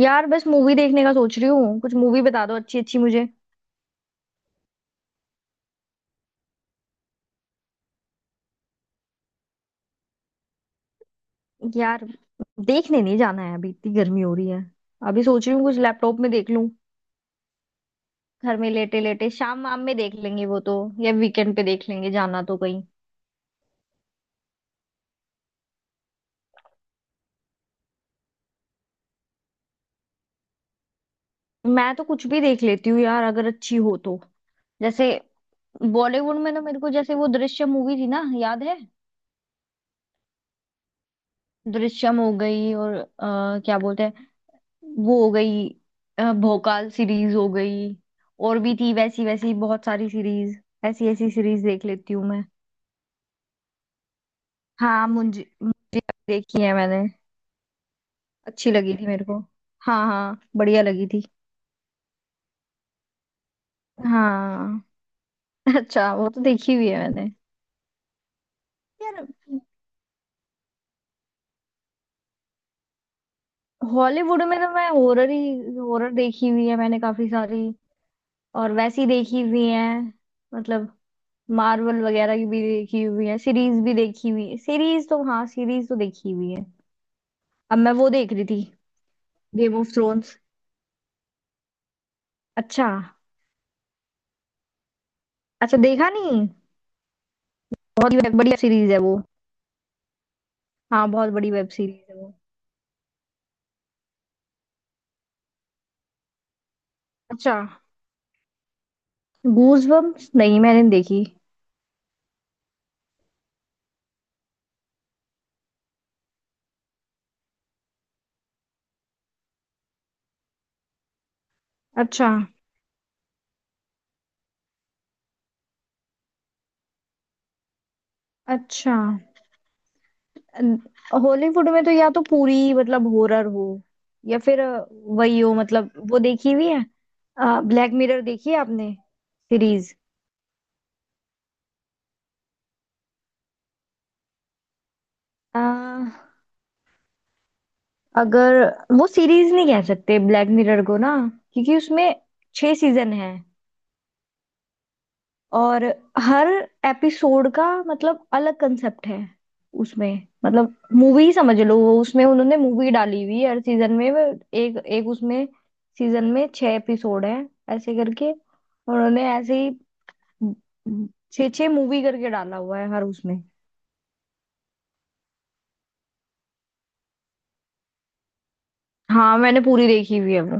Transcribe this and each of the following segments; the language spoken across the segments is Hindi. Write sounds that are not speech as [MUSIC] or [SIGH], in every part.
यार, बस मूवी देखने का सोच रही हूँ। कुछ मूवी बता दो अच्छी अच्छी मुझे। यार देखने नहीं जाना है, अभी इतनी गर्मी हो रही है। अभी सोच रही हूँ कुछ लैपटॉप में देख लूँ। घर में लेटे लेटे शाम वाम में देख लेंगे वो तो। या वीकेंड पे देख लेंगे, जाना तो कहीं। मैं तो कुछ भी देख लेती हूँ यार, अगर अच्छी हो तो। जैसे बॉलीवुड में ना, मेरे को जैसे वो दृश्यम मूवी थी ना, याद है। दृश्यम हो गई, और क्या बोलते हैं वो हो गई, भोकाल सीरीज हो गई। और भी थी वैसी वैसी बहुत सारी सीरीज। ऐसी ऐसी सीरीज देख लेती हूँ मैं। हाँ, मुंजी मुंजी देखी है मैंने। अच्छी लगी थी मेरे को। हाँ हाँ, बढ़िया लगी थी। हाँ। [LAUGHS] अच्छा, वो तो देखी हुई है मैंने। यार हॉलीवुड में तो मैं हॉरर ही हॉरर देखी हुई है मैंने, काफी सारी। और वैसी देखी हुई है, मतलब मार्वल वगैरह की भी देखी हुई है, सीरीज भी देखी हुई है। सीरीज तो हाँ, सीरीज तो देखी हुई है। अब मैं वो देख रही थी, गेम ऑफ थ्रोन्स। अच्छा। अच्छा देखा नहीं। बहुत ही बढ़िया सीरीज है वो। हाँ, बहुत बड़ी वेब सीरीज है वो। अच्छा। गूज बम्प्स नहीं, मैंने नहीं देखी। अच्छा। अच्छा। हॉलीवुड में तो या तो पूरी मतलब हॉरर हो, या फिर वही हो, मतलब वो देखी हुई है। ब्लैक मिरर देखी है आपने, सीरीज? अ, अगर वो सीरीज नहीं कह सकते ब्लैक मिरर को ना, क्योंकि उसमें छह सीजन है। और हर एपिसोड का मतलब अलग कंसेप्ट है उसमें। मतलब मूवी समझ लो, वो उसमें उन्होंने मूवी डाली हुई है हर सीजन में। वो एक एक उसमें सीजन में छह एपिसोड है, ऐसे करके उन्होंने ऐसे ही छः छः मूवी करके डाला हुआ है हर उसमें। हाँ, मैंने पूरी देखी हुई है वो।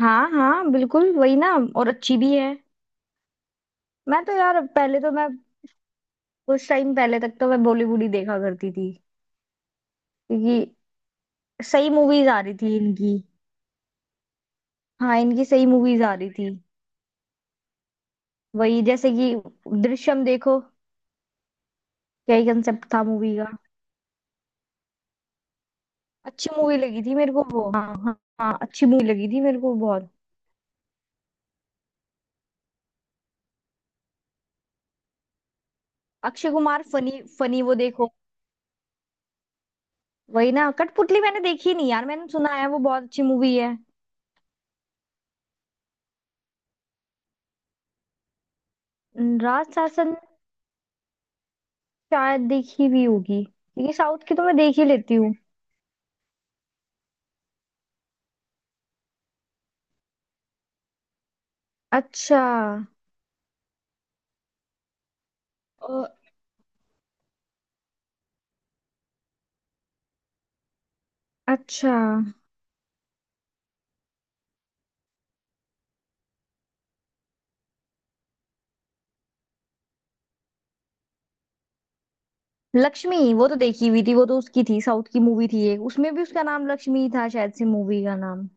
हाँ हाँ, बिल्कुल वही ना, और अच्छी भी है। मैं तो यार, पहले तो मैं कुछ टाइम पहले तक तो मैं बॉलीवुड ही देखा करती थी, क्योंकि सही मूवीज आ रही थी इनकी। हाँ, इनकी सही मूवीज आ रही थी। वही, जैसे कि दृश्यम देखो, क्या ही कंसेप्ट था मूवी का। अच्छी मूवी लगी थी मेरे को वो। हाँ हाँ हाँ, अच्छी मूवी लगी थी मेरे को बहुत। अक्षय कुमार फनी फनी, वो देखो, वही ना, कठपुतली। मैंने देखी नहीं यार, मैंने सुना है वो बहुत अच्छी मूवी है। न, राज शासन? शायद देखी भी होगी, क्योंकि साउथ की तो मैं देख ही लेती हूँ। अच्छा। अ, अच्छा। लक्ष्मी? वो तो देखी हुई थी। वो तो उसकी थी, साउथ की मूवी थी एक, उसमें भी उसका नाम लक्ष्मी ही था शायद से, मूवी का नाम।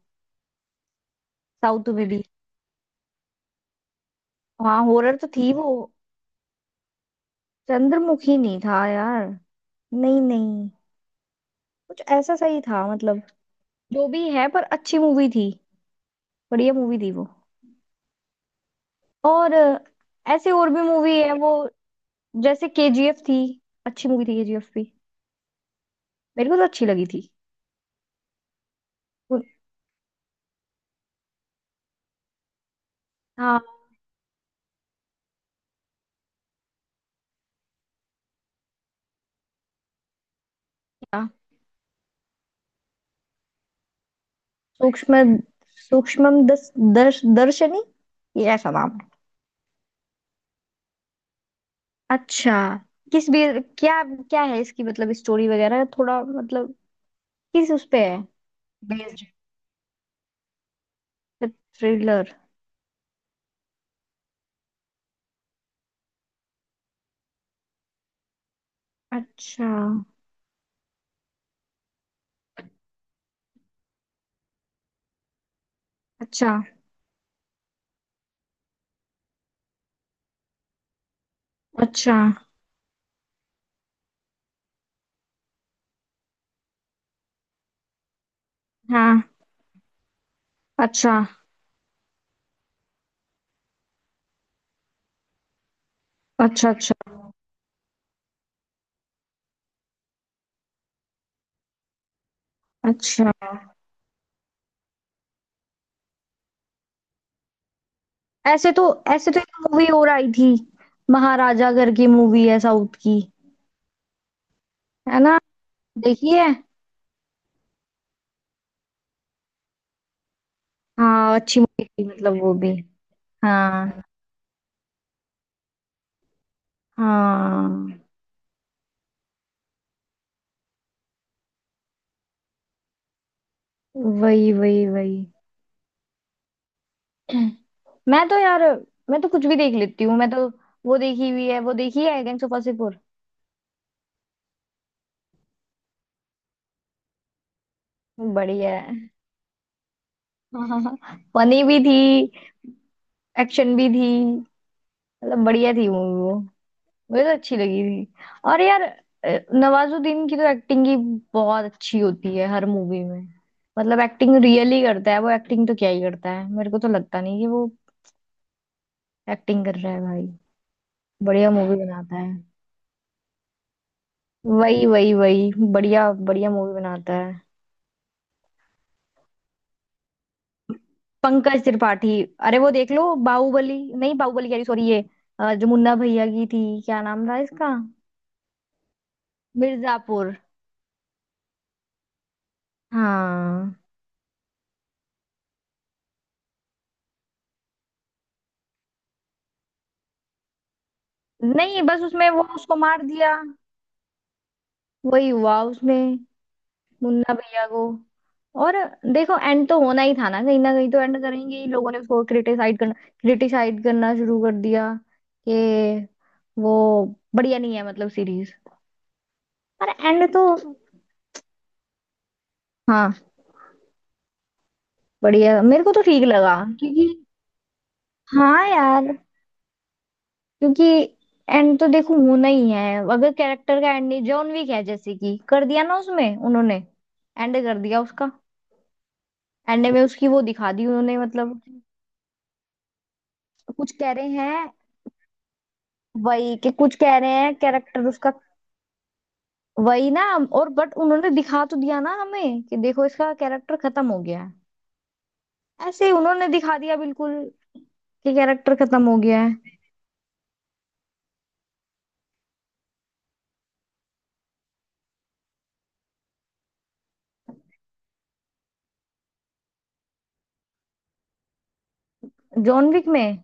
साउथ में भी? हाँ, हॉरर तो थी वो। चंद्रमुखी नहीं था यार, नहीं नहीं, कुछ ऐसा सही था मतलब। जो भी है, पर अच्छी मूवी थी। बढ़िया मूवी थी वो। और ऐसे और भी मूवी है वो, जैसे केजीएफ थी। अच्छी मूवी थी केजीएफ भी। मेरे को तो अच्छी लगी थी। उन- हाँ। क्या? सूक्ष्म। सूक्ष्म दस दर्श दर्शनी, ये ऐसा नाम है। अच्छा। किस भी, क्या क्या है इसकी, मतलब स्टोरी वगैरह थोड़ा, मतलब किस उस पे है बेस्ड? थ्रिलर। अच्छा। अच्छा। अच्छा। हाँ। अच्छा। अच्छा। अच्छा। अच्छा। ऐसे तो, एक मूवी और आई थी, महाराजा करके, मूवी है साउथ की, है ना। देखी है। हाँ, अच्छी मूवी थी मतलब वो भी। हाँ। हाँ, वही वही वही। मैं तो यार, मैं तो कुछ भी देख लेती हूँ मैं तो। वो देखी हुई है, वो देखी है, गैंग्स ऑफ वासेपुर। बढ़िया है। [LAUGHS] फनी भी थी, एक्शन भी थी, मतलब बढ़िया थी मूवी वो। मुझे तो अच्छी लगी थी। और यार, नवाजुद्दीन की तो एक्टिंग ही बहुत अच्छी होती है हर मूवी में। मतलब एक्टिंग रियली करता है वो, एक्टिंग तो क्या ही करता है, मेरे को तो लगता नहीं कि वो एक्टिंग कर रहा है भाई। बढ़िया मूवी बनाता है। वही वही वही, बढ़िया बढ़िया मूवी बनाता है। पंकज त्रिपाठी। अरे वो देख लो, बाहुबली नहीं, बाहुबली कह रही, सॉरी, ये जो मुन्ना भैया की थी, क्या नाम था इसका? मिर्जापुर। हाँ, नहीं, बस उसमें वो उसको मार दिया, वही हुआ उसमें, मुन्ना भैया को। और देखो, एंड तो होना ही था ना, कहीं ना कहीं तो एंड करेंगे ही। लोगों ने उसको क्रिटिसाइड करना, क्रिटिसाइड करना शुरू कर दिया कि वो बढ़िया नहीं है, मतलब सीरीज। पर एंड तो। हाँ। बढ़िया, मेरे को तो ठीक लगा, क्योंकि हाँ यार, क्योंकि एंड तो देखो होना ही है। अगर कैरेक्टर का एंड नहीं, जॉन विक है जैसे कि, कर दिया ना उसमें उन्होंने, एंड कर दिया उसका। एंड में उसकी वो दिखा दी उन्होंने, मतलब कुछ कह रहे हैं, वही कि कुछ कह रहे हैं कैरेक्टर उसका, वही ना। और बट उन्होंने दिखा तो दिया ना हमें, कि देखो इसका कैरेक्टर खत्म हो गया है। ऐसे ही उन्होंने दिखा दिया बिल्कुल, कि कैरेक्टर खत्म हो गया है। जॉन विक में।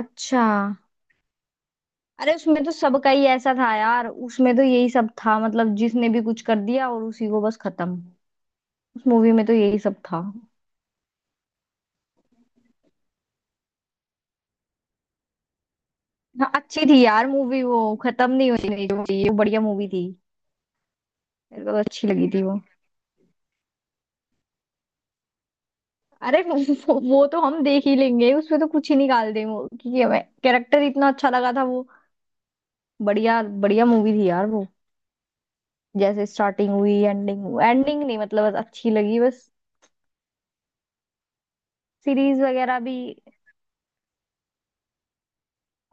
अच्छा। अरे उसमें तो सबका ही ऐसा था यार, उसमें तो यही सब था, मतलब जिसने भी कुछ कर दिया और उसी को बस खत्म। उस मूवी में तो यही सब था। हाँ, अच्छी थी यार मूवी, वो खत्म नहीं होनी चाहिए, वो बढ़िया मूवी थी। मेरे को तो अच्छी लगी थी वो। अरे वो तो हम देख ही लेंगे, उसमें तो कुछ ही निकाल देंगे वो, क्योंकि हमें कैरेक्टर इतना अच्छा लगा था वो। बढ़िया बढ़िया मूवी थी यार वो। जैसे स्टार्टिंग हुई, एंडिंग हुई, एंडिंग नहीं मतलब, बस अच्छी लगी बस। सीरीज वगैरह भी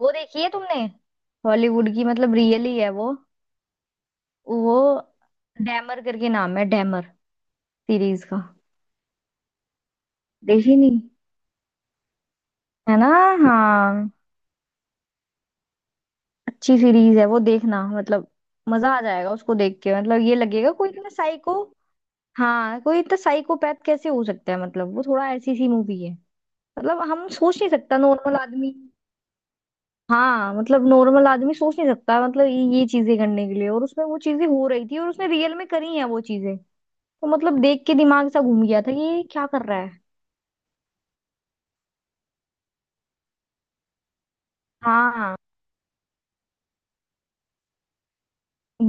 वो देखी है तुमने? हॉलीवुड की, मतलब रियल ही है वो। वो डैमर करके नाम है, डैमर। सीरीज का। देखी नहीं। है ना। हाँ। अच्छी सीरीज है वो, देखना मतलब। मजा आ जाएगा उसको देख के, मतलब ये लगेगा, कोई इतना साइको। हाँ, कोई इतना साइकोपैथ कैसे हो सकता है, मतलब वो थोड़ा ऐसी सी मूवी है। मतलब हम सोच नहीं सकता, नॉर्मल आदमी। हाँ, मतलब नॉर्मल आदमी सोच नहीं सकता, मतलब ये चीजें करने के लिए, और उसमें वो चीजें हो रही थी और उसने रियल में करी हैं वो चीजें। तो मतलब देख के दिमाग सा घूम गया था कि ये क्या कर रहा है। हाँ।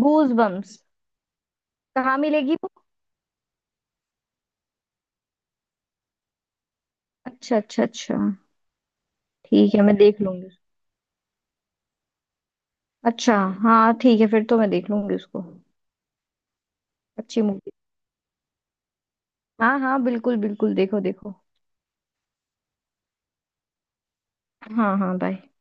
गूज बम्स कहाँ मिलेगी वो? अच्छा अच्छा अच्छा, ठीक है मैं देख लूंगी। अच्छा। हाँ, ठीक है, फिर तो मैं देख लूंगी उसको। अच्छी मूवी। हाँ हाँ, बिल्कुल बिल्कुल, देखो देखो। हाँ हाँ, बाय।